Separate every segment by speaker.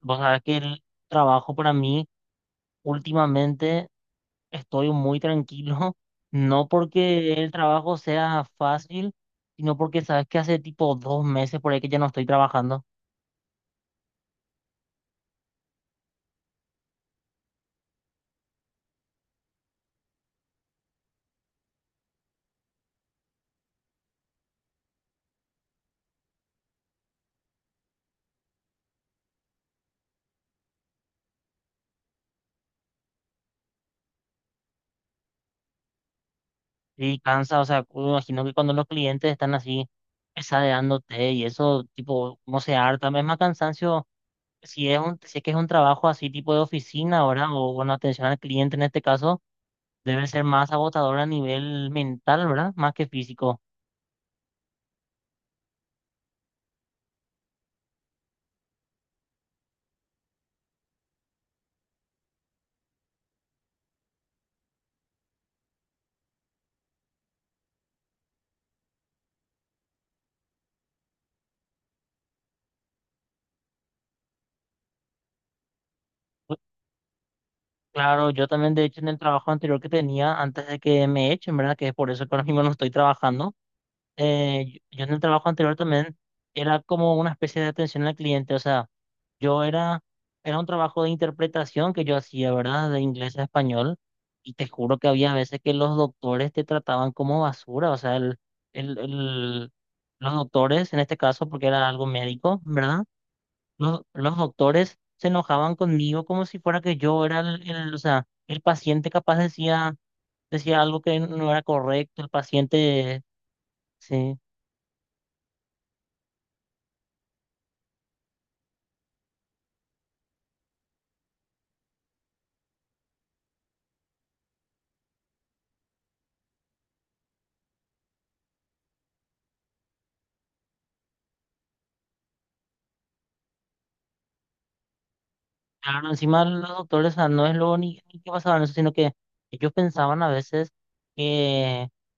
Speaker 1: Vos sabés que el trabajo para mí últimamente estoy muy tranquilo, no porque el trabajo sea fácil, sino porque sabes que hace tipo 2 meses por ahí que ya no estoy trabajando y cansa. O sea, me imagino que cuando los clientes están así pesadeándote y eso tipo, no se harta, es más cansancio si es que es un trabajo así tipo de oficina, ¿verdad? O bueno, atención al cliente en este caso, debe ser más agotador a nivel mental, ¿verdad? Más que físico. Claro, yo también, de hecho, en el trabajo anterior que tenía, antes de que me echen, ¿verdad? Que es por eso que ahora mismo no estoy trabajando. Yo en el trabajo anterior también era como una especie de atención al cliente. O sea, yo era un trabajo de interpretación que yo hacía, ¿verdad? De inglés a español. Y te juro que había veces que los doctores te trataban como basura. O sea, el, el- los doctores, en este caso, porque era algo médico, ¿verdad? Los doctores se enojaban conmigo como si fuera que yo era o sea, el paciente capaz decía algo que no era correcto, el paciente, sí. Claro, encima los doctores, o sea, no es lo ni que pasaban eso, sino que ellos pensaban a veces que el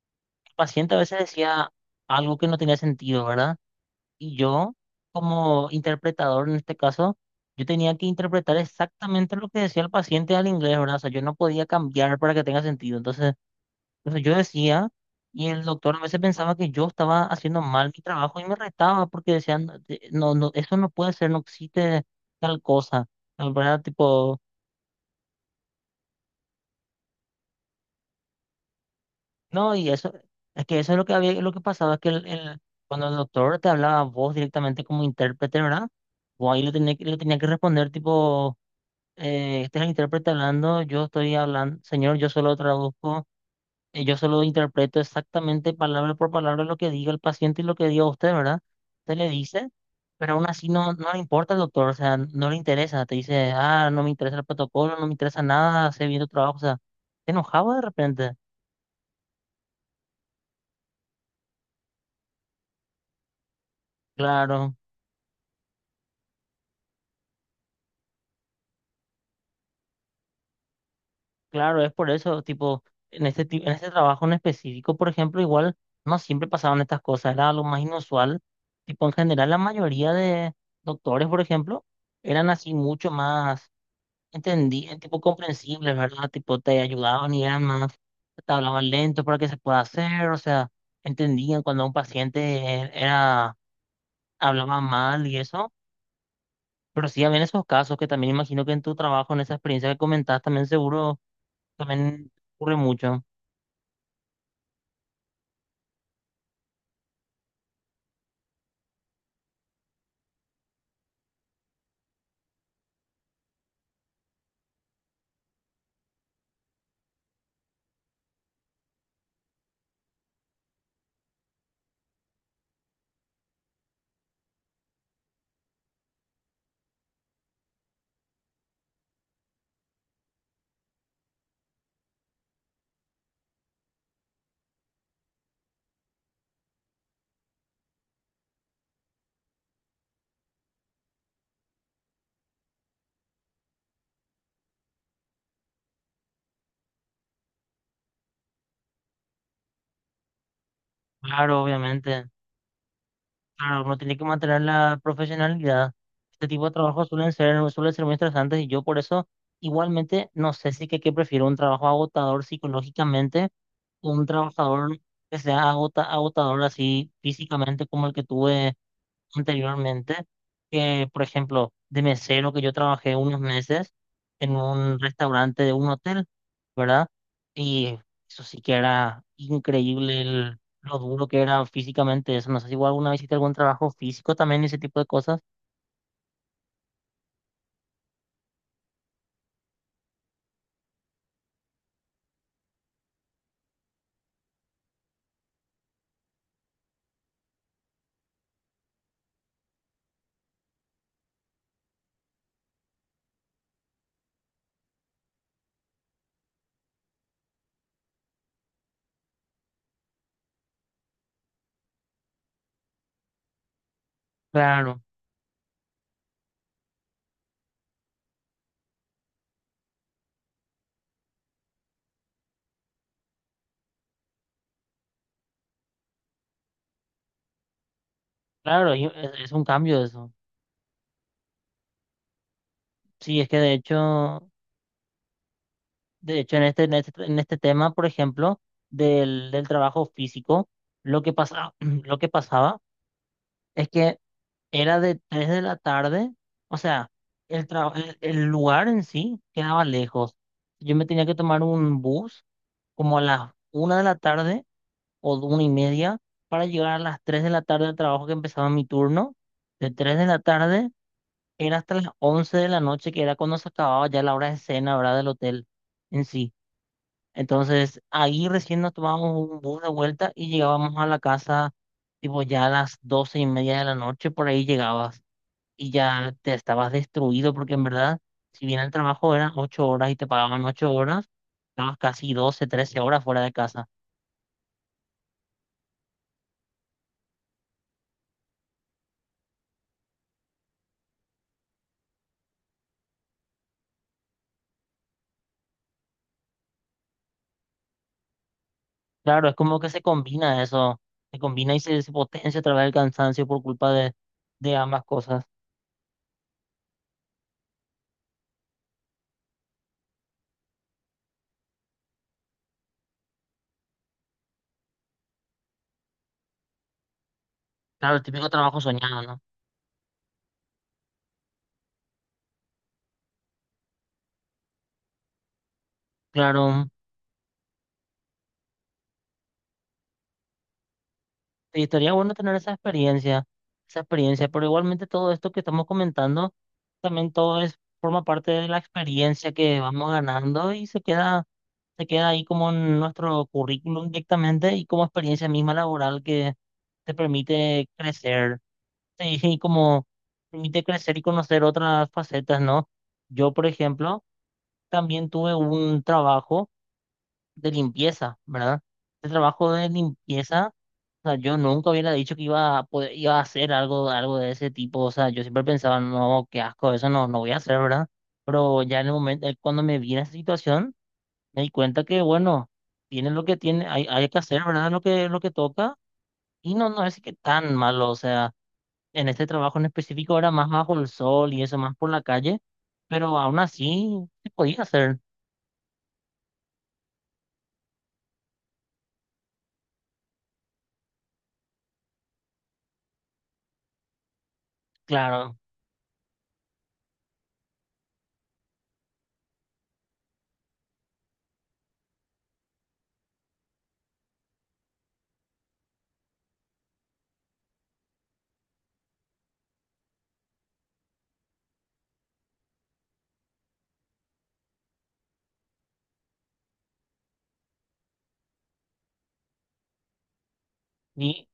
Speaker 1: paciente a veces decía algo que no tenía sentido, ¿verdad? Y yo, como interpretador en este caso, yo tenía que interpretar exactamente lo que decía el paciente al inglés, ¿verdad? O sea, yo no podía cambiar para que tenga sentido. Entonces, o sea yo decía, y el doctor a veces pensaba que yo estaba haciendo mal mi trabajo y me retaba porque decían, no, no, no, eso no puede ser, no existe tal cosa, ¿verdad? Tipo, no, y eso, es que eso es lo que había, lo que pasaba, es que cuando el doctor te hablaba a vos directamente como intérprete, ¿verdad? Vos ahí le tenía, le tenía que responder tipo, este es el intérprete hablando, yo estoy hablando, señor, yo solo traduzco, yo solo interpreto exactamente palabra por palabra lo que diga el paciente y lo que diga usted, ¿verdad? Usted le dice. Pero aún así no, no le importa el doctor, o sea, no le interesa. Te dice, ah, no me interesa el protocolo, no me interesa nada, hace bien tu trabajo. O sea, te enojaba de repente. Claro, claro, es por eso, tipo, en este trabajo en específico, por ejemplo, igual no siempre pasaban estas cosas, era algo más inusual. Tipo, en general, la mayoría de doctores, por ejemplo, eran así mucho más. Entendí, el tipo comprensible, ¿verdad? Tipo, te ayudaban y además te hablaban lento para que se pueda hacer, o sea, entendían cuando un paciente hablaba mal y eso, pero sí habían esos casos que también imagino que en tu trabajo, en esa experiencia que comentaste, también seguro, también ocurre mucho. Claro, obviamente, claro, uno tiene que mantener la profesionalidad. Este tipo de trabajos suelen ser muy estresantes y yo por eso igualmente no sé si que prefiero un trabajo agotador psicológicamente un trabajador que sea agotador así físicamente como el que tuve anteriormente, que por ejemplo de mesero que yo trabajé unos meses en un restaurante de un hotel, ¿verdad? Y eso sí que era increíble lo duro que era físicamente eso. No sé si vos alguna vez hiciste algún trabajo físico también, ese tipo de cosas. Claro, claro, y es un cambio eso. Sí, es que de hecho... De hecho, en este tema, por ejemplo, del trabajo físico, lo que pasaba es que era de 3 de la tarde, o sea, el lugar en sí quedaba lejos. Yo me tenía que tomar un bus como a las 1 de la tarde o de 1:30 para llegar a las 3 de la tarde al trabajo que empezaba mi turno. De 3 de la tarde era hasta las 11 de la noche, que era cuando se acababa ya la hora de cena, ¿verdad? Del hotel en sí. Entonces, ahí recién nos tomábamos un bus de vuelta y llegábamos a la casa, tipo ya a las 12:30 de la noche, por ahí llegabas y ya te estabas destruido, porque en verdad, si bien el trabajo eran 8 horas y te pagaban 8 horas, estabas casi 12, 13 horas fuera de casa. Claro, es como que se combina eso, se combina y se potencia a través del cansancio por culpa de ambas cosas. Claro, el típico trabajo soñado, ¿no? Claro. Sí, estaría bueno tener esa experiencia, pero igualmente todo esto que estamos comentando, también todo es, forma parte de la experiencia que vamos ganando y se queda ahí como en nuestro currículum directamente y como experiencia misma laboral que te permite crecer, sí, y como permite crecer y conocer otras facetas, ¿no? Yo, por ejemplo, también tuve un trabajo de limpieza, ¿verdad? El trabajo de limpieza, o sea, yo nunca hubiera dicho que iba a iba a hacer algo de ese tipo. O sea, yo siempre pensaba, no, qué asco, eso no, no voy a hacer, ¿verdad? Pero ya en el momento, cuando me vi en esa situación, me di cuenta que, bueno, tiene lo que tiene, hay que hacer, ¿verdad? Lo que toca. Y no, no es que tan malo. O sea, en este trabajo en específico era más bajo el sol y eso, más por la calle. Pero aún así, se podía hacer, claro. Y,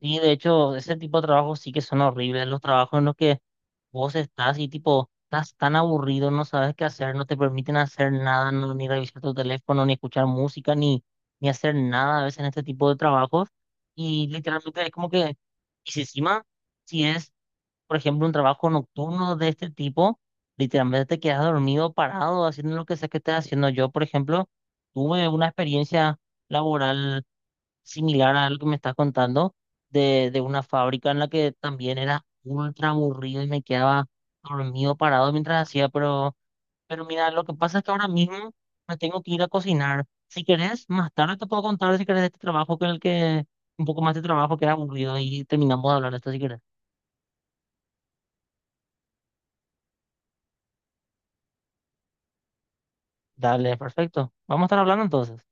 Speaker 1: y de hecho, ese tipo de trabajos sí que son horribles, los trabajos en los que vos estás así, tipo, estás tan aburrido, no sabes qué hacer, no te permiten hacer nada, no, ni revisar tu teléfono, ni escuchar música, ni hacer nada a veces en este tipo de trabajos. Y literalmente es como que, y si encima, si es, por ejemplo, un trabajo nocturno de este tipo, literalmente te quedas dormido, parado, haciendo lo que sea que estés haciendo. Yo, por ejemplo, tuve una experiencia laboral similar a lo que me estás contando de una fábrica en la que también era ultra aburrido y me quedaba dormido parado mientras hacía, pero mira, lo que pasa es que ahora mismo me tengo que ir a cocinar. Si querés, más tarde te puedo contar si querés de este trabajo un poco más de trabajo que era aburrido y terminamos de hablar de esto si querés. Dale, perfecto. Vamos a estar hablando entonces.